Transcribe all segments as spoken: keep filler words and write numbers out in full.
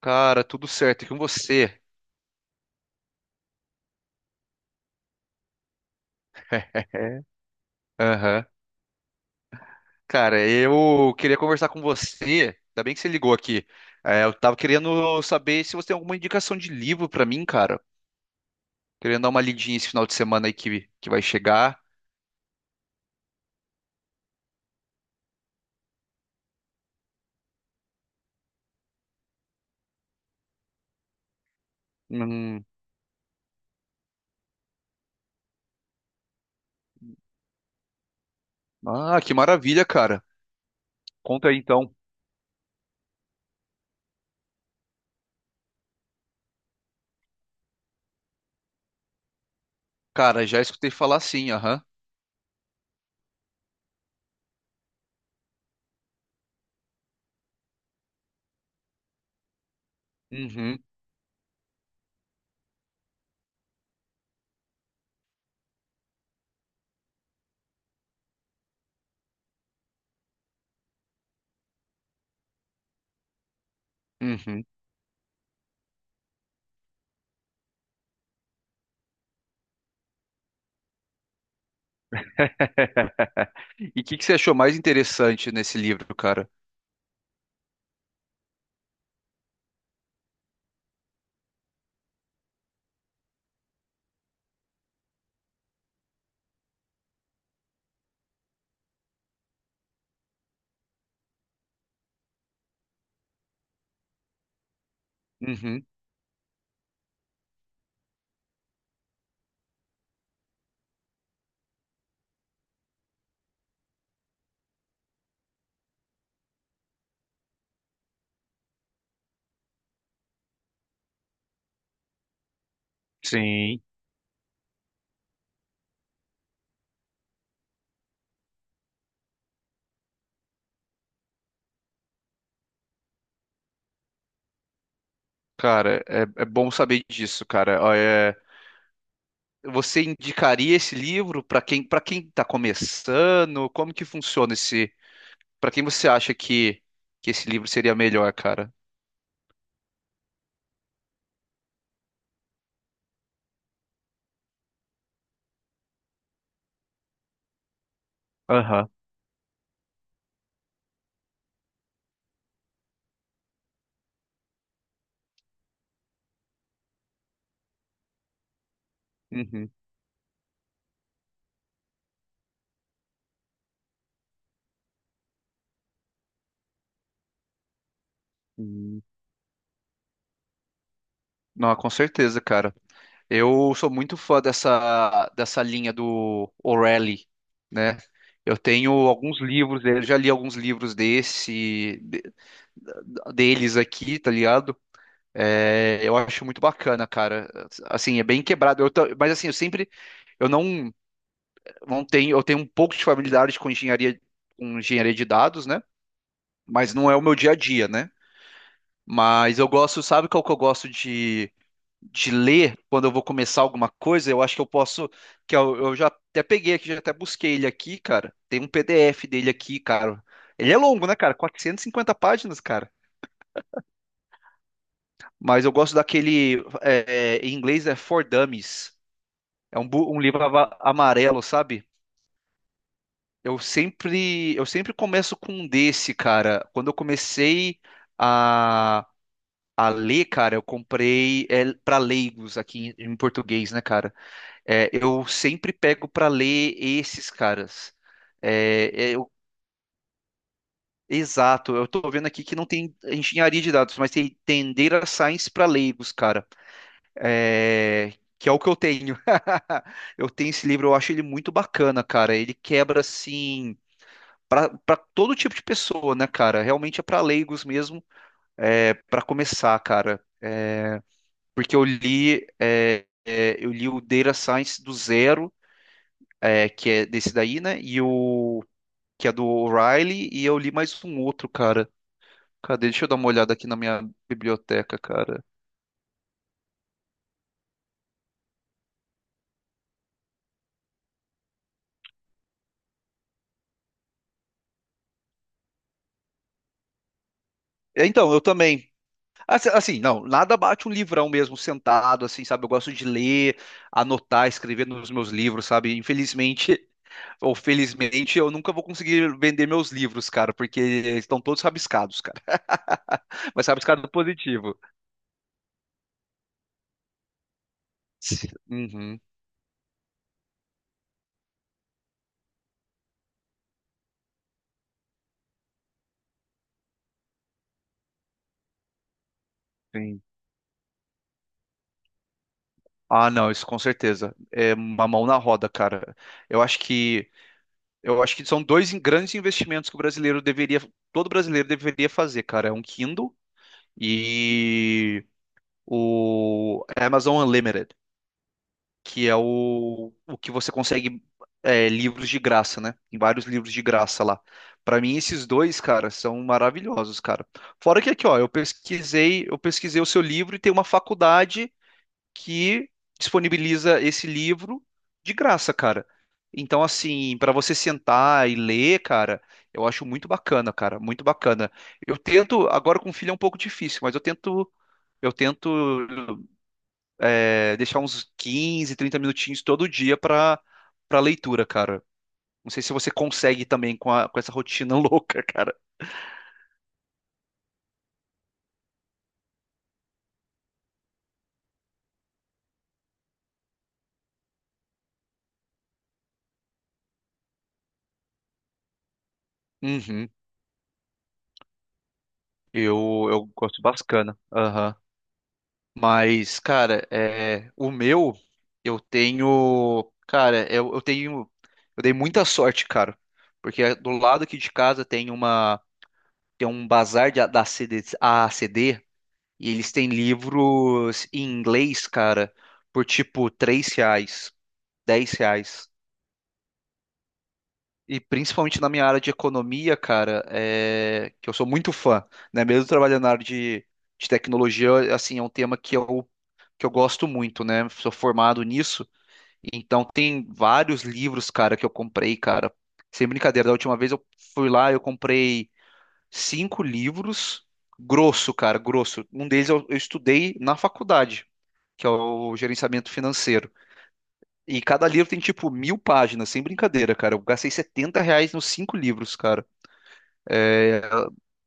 Cara, tudo certo. E com você? É. Aham. Cara, eu queria conversar com você. Ainda bem que você ligou aqui. É, eu tava querendo saber se você tem alguma indicação de livro pra mim, cara. Querendo dar uma lidinha esse final de semana aí que, que vai chegar. Hum. Ah, que maravilha, cara. Conta aí então. Cara, já escutei falar sim, aham. Uhum, uhum. E o que, que você achou mais interessante nesse livro, cara? Uhum. Sim. Cara, é, é bom saber disso, cara. Ó, é- você indicaria esse livro para quem para quem está começando? Como que funciona esse? Para quem você acha que, que esse livro seria melhor, cara? Aham. Uhum. Uhum. Não, com certeza, cara. Eu sou muito fã dessa dessa linha do O'Reilly, né? Eu tenho alguns livros dele, já li alguns livros desse de- deles aqui, tá ligado? É, eu acho muito bacana, cara. Assim, é bem quebrado. Eu ta- mas assim, eu sempre, eu não. Não tenho, eu tenho um pouco de familiaridade com engenharia, com engenharia de dados, né? Mas não é o meu dia a dia, né? Mas eu gosto, sabe qual que eu gosto de, de ler quando eu vou começar alguma coisa? Eu acho que eu posso, que eu, eu já até peguei aqui, já até busquei ele aqui, cara. Tem um P D F dele aqui, cara. Ele é longo, né, cara? Quatrocentas e cinquenta páginas, cara. Mas eu gosto daquele, é, é, em inglês é For Dummies. É um, bu- um livro ava- amarelo, sabe? Eu sempre, eu sempre começo com um desse, cara. Quando eu comecei a, a ler, cara, eu comprei é, para leigos aqui em, em português, né, cara? É, eu sempre pego para ler esses caras. É, é, eu- Exato. Eu tô vendo aqui que não tem engenharia de dados, mas tem Tendera Science para leigos, cara. É, que é o que eu tenho. Eu tenho esse livro, eu acho ele muito bacana, cara. Ele quebra assim para todo tipo de pessoa, né, cara? Realmente é para leigos mesmo, é, para começar, cara. É, porque eu li, é, é, eu li o Data Science do Zero, é, que é desse daí, né? E o que é do O'Reilly, e eu li mais um outro, cara. Cadê? Deixa eu dar uma olhada aqui na minha biblioteca, cara. É, então, eu também. Assim, assim, não, nada bate um livrão mesmo, sentado, assim, sabe? Eu gosto de ler, anotar, escrever nos meus livros, sabe? Infelizmente, ou felizmente eu nunca vou conseguir vender meus livros, cara, porque estão todos rabiscados, cara. Mas rabiscado positivo. Uhum, sim. Ah, não, isso com certeza. É uma mão na roda, cara. Eu acho que eu acho que são dois in- grandes investimentos que o brasileiro deveria, todo brasileiro deveria fazer, cara. É um Kindle e o Amazon Unlimited, que é o, o que você consegue, é, livros de graça, né? Tem vários livros de graça lá. Pra mim, esses dois, cara, são maravilhosos, cara. Fora que aqui, ó, eu pesquisei, eu pesquisei o seu livro e tem uma faculdade que disponibiliza esse livro de graça, cara. Então, assim, pra você sentar e ler, cara, eu acho muito bacana, cara, muito bacana. Eu tento, agora com o filho é um pouco difícil, mas eu tento, eu tento é, deixar uns quinze trinta minutinhos todo dia para para leitura, cara. Não sei se você consegue também com, a- com essa rotina louca, cara. Uhum. Eu, eu gosto, bacana. Aham. Mas, cara, é, o meu, eu tenho. Cara, eu, eu tenho. Eu dei muita sorte, cara. Porque é- do lado aqui de casa tem uma. Tem um bazar de- da C D, A A C D. E eles têm livros em inglês, cara, por tipo três reais, dez reais. E principalmente na minha área de economia, cara, é... que eu sou muito fã, né? Mesmo trabalhando na área de, de tecnologia, assim, é um tema que eu, que eu gosto muito, né? Sou formado nisso. Então tem vários livros, cara, que eu comprei, cara. Sem brincadeira, da última vez eu fui lá, eu comprei cinco livros, grosso, cara, grosso. Um deles eu, eu estudei na faculdade, que é o gerenciamento financeiro. E cada livro tem tipo mil páginas, sem brincadeira, cara. Eu gastei setenta reais nos cinco livros, cara. É,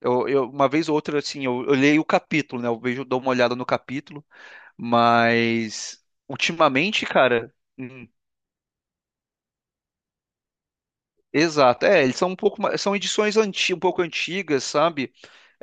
eu, eu- uma vez ou outra, assim, eu, eu leio o capítulo, né? Eu vejo, dou uma olhada no capítulo, mas ultimamente, cara. hum, Exato, é, eles são um pouco, ma- são edições anti, um pouco antigas, sabe?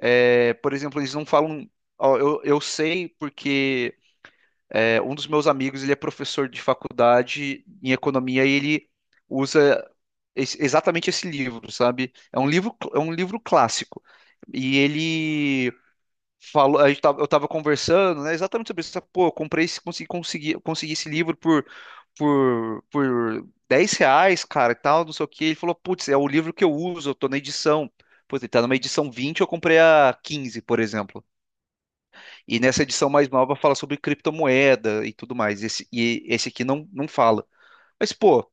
É, por exemplo, eles não falam. Ó, eu, eu sei porque é, um dos meus amigos ele é professor de faculdade em economia e ele usa esse- exatamente esse livro, sabe? É um livro, é um livro clássico. E ele falou, a gente tava- eu tava conversando, né, exatamente sobre isso. Pô, eu comprei esse, consegui, consegui, consegui esse livro por, por, por dez reais, cara, e tal, não sei o quê. Ele falou, putz, é o livro que eu uso, eu tô na edição. Putz, ele tá numa edição vinte, eu comprei a quinze, por exemplo. E nessa edição mais nova fala sobre criptomoeda e tudo mais. Esse, e esse aqui não, não fala. Mas, pô,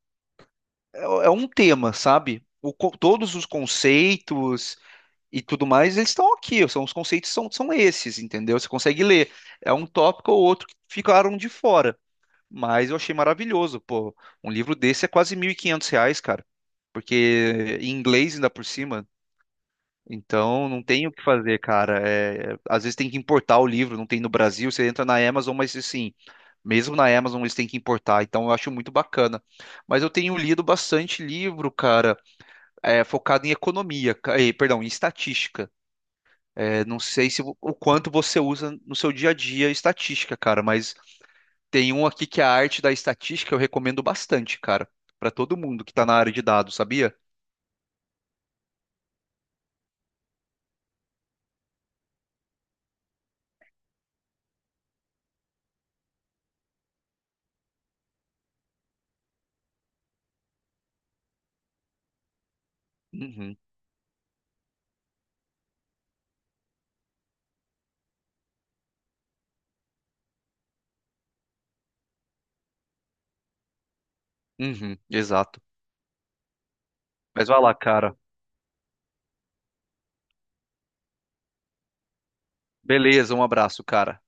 é é um tema, sabe? O co- todos os conceitos e tudo mais, eles estão aqui, são, os conceitos são, são esses, entendeu? Você consegue ler. É um tópico ou outro que ficaram de fora, mas eu achei maravilhoso, pô. Um livro desse é quase mil e quinhentos reais, cara, porque em inglês ainda por cima, então não tem o que fazer, cara. É, é, às vezes tem que importar o livro, não tem no Brasil, você entra na Amazon, mas assim, mesmo na Amazon eles têm que importar, então eu acho muito bacana. Mas eu tenho lido bastante livro, cara, é, focado em economia, ca- eh, perdão, em estatística. É, não sei se vo- o quanto você usa no seu dia a dia estatística, cara, mas tem um aqui que é a arte da estatística, eu recomendo bastante, cara, pra todo mundo que tá na área de dados, sabia? Uhum, uhum, exato. Mas vai lá, cara. Beleza, um abraço, cara.